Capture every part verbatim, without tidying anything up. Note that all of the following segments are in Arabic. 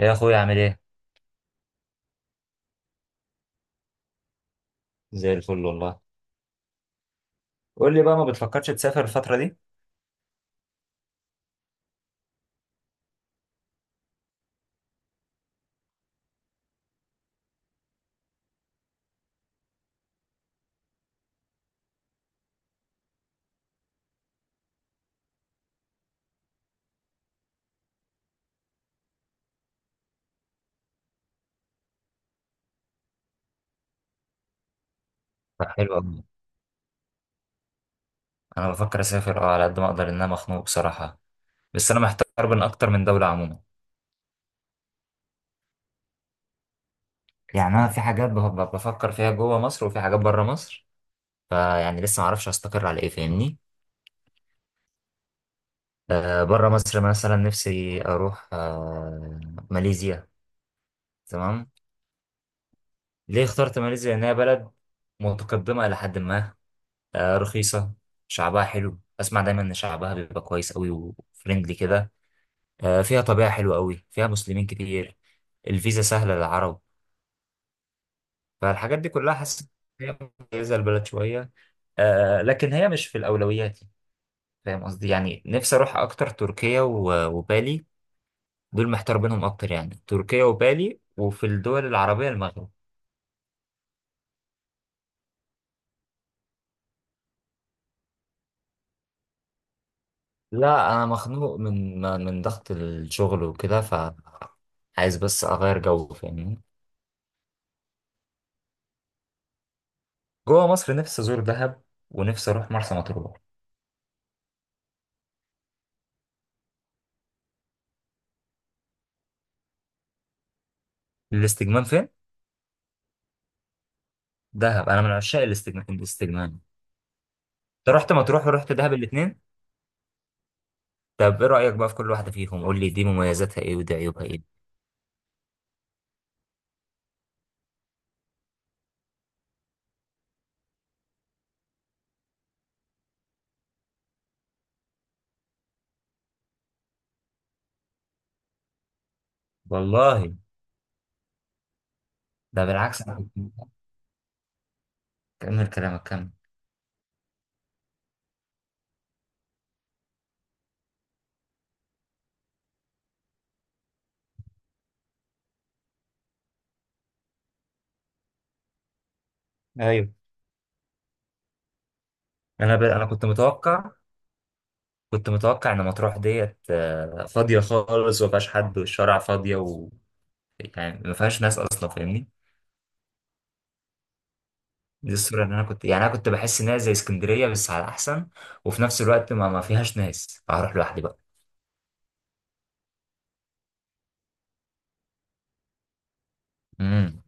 يا اخويا عامل ايه؟ زي الفل والله. قول لي بقى، ما بتفكرش تسافر الفترة دي؟ طب حلو قوي. انا بفكر اسافر، اه، على قد ما اقدر، ان انا مخنوق بصراحه. بس انا محتار بين اكتر من دوله عموما. يعني انا في حاجات بف- بف- بفكر فيها جوه مصر وفي حاجات بره مصر. فيعني لسه ما اعرفش استقر على ايه، فاهمني؟ آه بره مصر مثلا نفسي اروح آه ماليزيا. تمام. ليه اخترت ماليزيا؟ لانها بلد متقدمه الى حد ما، آه رخيصه، شعبها حلو، اسمع دايما ان شعبها بيبقى كويس قوي وفريندلي كده. آه، فيها طبيعة حلوة قوي، فيها مسلمين كتير، الفيزا سهلة للعرب. فالحاجات دي كلها حاسس إن هي مميزة البلد شوية. آه، لكن هي مش في الأولويات، فاهم قصدي؟ يعني نفسي أروح أكتر تركيا و- وبالي. دول محتار بينهم أكتر، يعني تركيا وبالي، وفي الدول العربية المغرب. لا أنا مخنوق من من ضغط الشغل وكده، ف عايز بس أغير جو، فاهمني؟ جوه مصر نفسي أزور دهب، ونفسي أروح مرسى مطروح. الاستجمام فين؟ دهب. أنا من عشاق الاستجمام الاستجمام. انت رحت مطروح ورحت دهب الاثنين؟ طب ايه رأيك بقى في كل واحدة فيهم؟ قول لي دي مميزاتها ايه ودي عيوبها ايه. والله ده بالعكس، انا كنت- كمل كلامك كمل. ايوه، انا ب... انا كنت متوقع، كنت متوقع ان مطروح ديت آه، فاضية خالص وما فيهاش حد والشارع فاضية و يعني ما فيهاش ناس اصلا، فاهمني؟ دي الصورة اللي انا كنت، يعني انا كنت بحس انها زي اسكندرية بس على احسن، وفي نفس الوقت ما, ما فيهاش ناس فهروح لوحدي بقى. امم.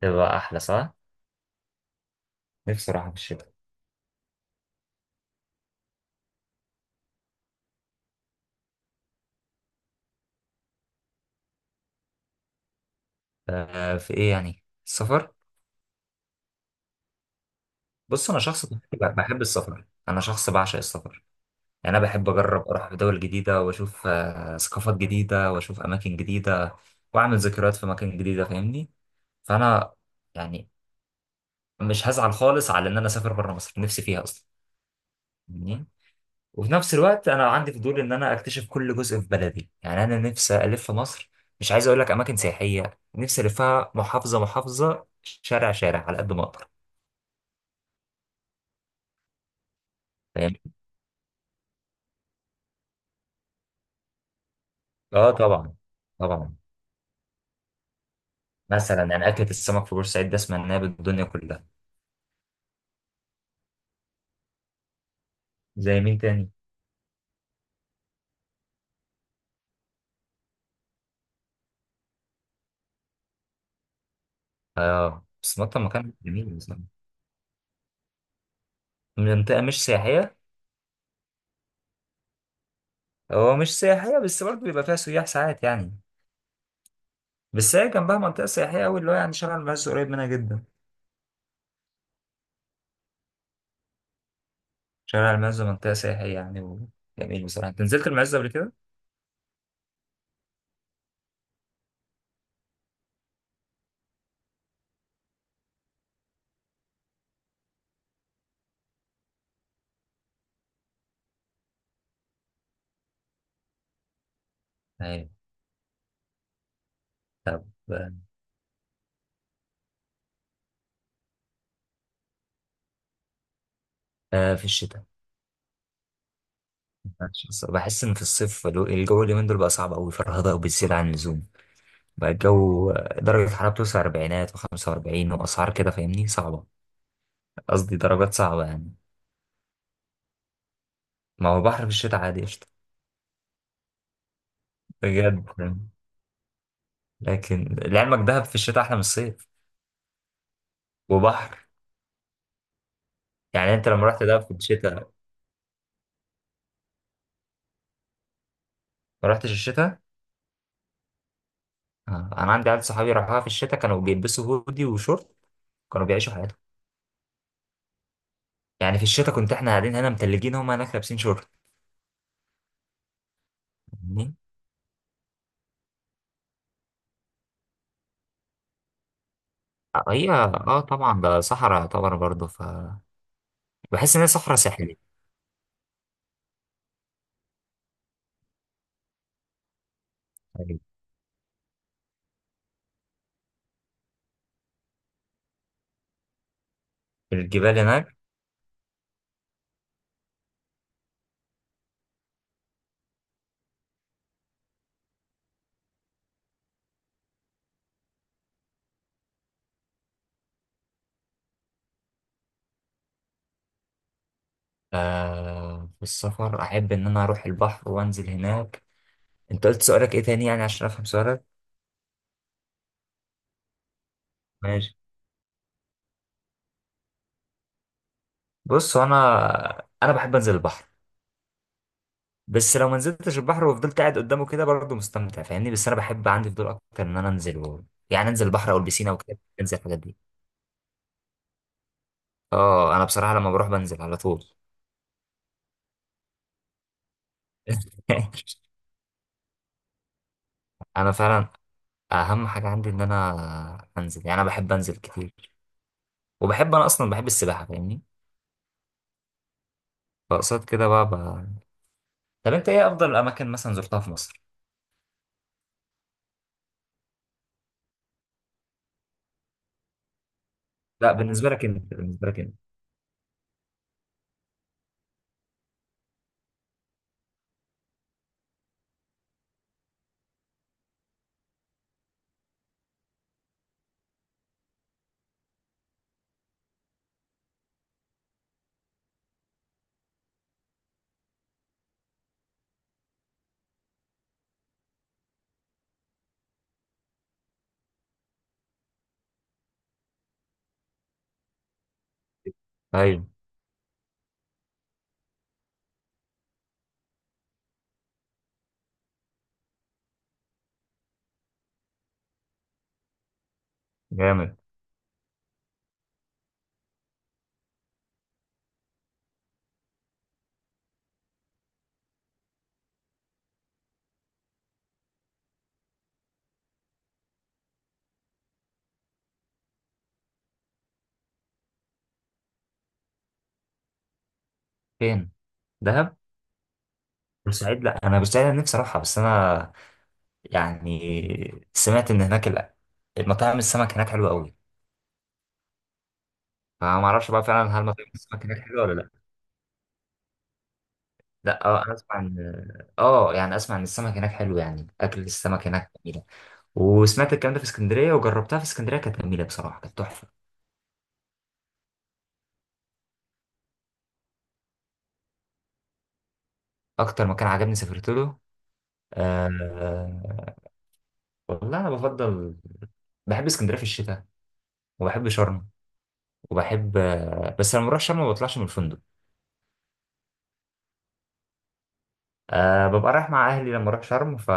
تبقى احلى، صح؟ نفسي اروح في الشتاء. آه، في ايه يعني السفر؟ بص، انا شخص بحب السفر، انا شخص بعشق السفر. يعني انا بحب اجرب اروح دول جديده واشوف آه، ثقافات جديده واشوف اماكن جديده واعمل ذكريات في اماكن جديده، فاهمني؟ فانا يعني مش هزعل خالص على ان انا اسافر بره مصر، نفسي فيها اصلا، فاهمني؟ وفي نفس الوقت انا عندي فضول ان انا اكتشف كل جزء في بلدي. يعني انا نفسي الف مصر، مش عايز اقول لك اماكن سياحيه، نفسي الفها محافظه محافظه، شارع شارع، على قد ما اقدر، فاهم؟ اه طبعا. طبعا، مثلا يعني أكلة السمك في بورسعيد ده سمعناها بالدنيا كلها. زي مين تاني؟ آه بس مطعم مكان جميل بصراحة. منطقة مش سياحية. هو مش سياحية، بس برضه بيبقى فيها سياح ساعات يعني. بس هي جنبها منطقة سياحية أوي، اللي هو يعني شارع المعز قريب منها جدا. شارع المعز منطقة سياحية يعني، وجميل بصراحة. أنت نزلت المعز قبل كده؟ أيوة. طب آه في الشتاء. بحس بحس إن في الصيف الو- الجو اليومين دول بقى صعب أوي، فرهضة وبتزيد عن اللزوم. بقى الجو آه، درجة الحرارة بتوصل أربعينات وخمسة وأربعين وأسعار كده، فاهمني؟ صعبة. قصدي درجات صعبة يعني. ما هو بحر في الشتاء عادي قشطة. بجد، لكن لعلمك دهب في الشتاء أحلى من الصيف. وبحر. يعني أنت لما رحت دهب في الشتاء؟ ما رحتش الشتاء؟ آه. أنا عندي عيال صحابي راحوها في الشتاء، كانوا بيلبسوا هودي وشورت، كانوا بيعيشوا حياتهم. يعني في الشتاء كنت إحنا قاعدين هنا متلجين، هم هناك لابسين شورت، فاهمني؟ آه، هي اه طبعا ده صحراء يعتبر برضه ف بحس ان هي صحراء ساحلية. يعني الجبال هناك. آه في السفر احب ان انا اروح البحر وانزل هناك. انت قلت سؤالك ايه تاني يعني عشان افهم سؤالك؟ ماشي. بص، هو انا انا بحب انزل البحر. بس لو ما نزلتش البحر وفضلت قاعد قدامه كده برضه مستمتع، فاهمني؟ بس انا بحب، عندي فضول اكتر ان انا انزل و... يعني انزل البحر او البسينه وكده، انزل الحاجات دي. اه انا بصراحه لما بروح بنزل على طول. انا فعلا اهم حاجه عندي ان انا انزل، يعني انا بحب انزل كتير. وبحب، انا اصلا بحب السباحه، فاهمني؟ فقصاد كده بقى, بقى، طب انت ايه افضل الاماكن مثلا زرتها في مصر؟ لا بالنسبه لك انت، بالنسبه لك انت. ايوه. جامد. فين؟ دهب؟ بورسعيد؟ لا انا بورسعيد انا نفسي اروحها، بس انا يعني سمعت ان هناك ال- المطاعم السمك هناك حلوه قوي. فما اعرفش بقى فعلا هل مطاعم السمك هناك حلوه ولا لا. لا اه انا اسمع ان اه يعني اسمع ان السمك هناك حلو، يعني اكل السمك هناك جميله. وسمعت الكلام ده في اسكندريه وجربتها في اسكندريه، كانت جميله بصراحه، كانت تحفه. اكتر مكان عجبني سافرت له؟ آه. والله انا بفضل، بحب اسكندريه في الشتاء، وبحب شرم، وبحب، بس لما بروح شرم ما بطلعش من الفندق. أه، ببقى رايح مع اهلي لما اروح شرم، ف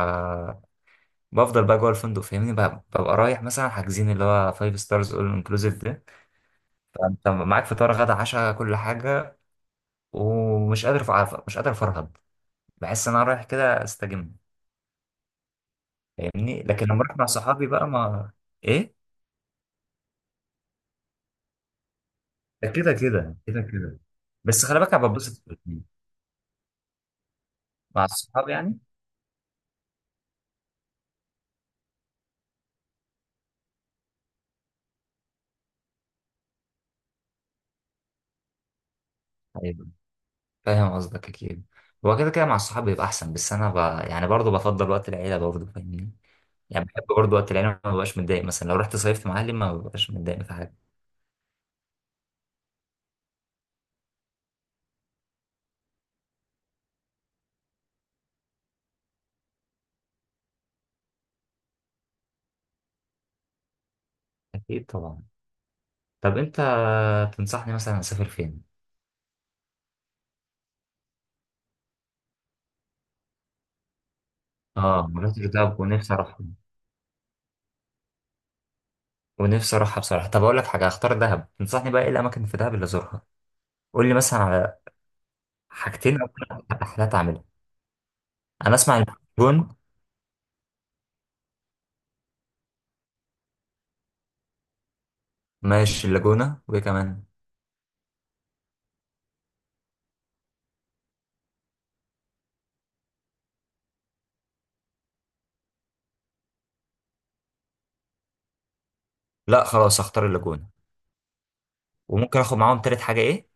بفضل بقى جوه الفندق، فاهمني؟ ببقى, ببقى رايح مثلا حاجزين اللي هو فايف ستارز اول انكلوسيف ده، فانت معاك فطار غدا عشاء كل حاجه، ومش قادر فع- مش قادر افرهد. بحس ان انا رايح كده استجم، فاهمني؟ لكن لما اروح مع صحابي بقى ما ايه، ده كده كده كده كده. بس خلي بالك انا ببسط في الاتنين. مع الصحاب يعني. هيبقى- فاهم قصدك اكيد. هو كده كده مع الصحاب بيبقى احسن، بس انا ب... يعني برضه بفضل وقت العيله برضه، فاهمني؟ يعني بحب برضه وقت العيلة، ما ببقاش متضايق. مثلا لو رحت صيفت مع أهلي ما ببقاش متضايق في حاجة. أكيد طبعا. طب أنت تنصحني مثلا أسافر فين؟ آه ما رحتش دهب ونفسي أروحها، ونفسي أروحها بصراحة. طب أقول لك حاجة، هختار دهب. تنصحني بقى إيه الأماكن في دهب اللي أزورها؟ قول لي مثلا على حاجتين أو ثلاث رحلات أعملها. أنا أسمع اللاجون. ماشي اللاجونة، وإيه كمان؟ لا خلاص هختار اللاجونة، وممكن آخد معاهم تالت حاجة إيه؟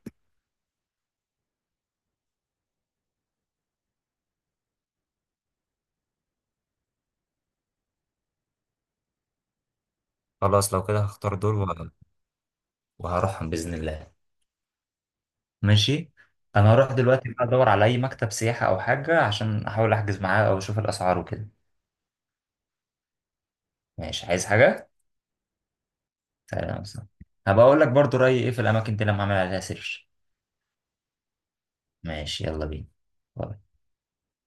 خلاص لو كده هختار دول وه- وهروحهم بإذن الله. ماشي. انا هروح دلوقتي بقى ادور على اي مكتب سياحة او حاجة عشان احاول احجز معاه او اشوف الاسعار وكده. ماشي، عايز حاجة؟ سلام سلام. هبقى اقول لك برضو رأيي ايه في الاماكن دي لما اعمل عليها سيرش. ماشي يلا بينا. باي.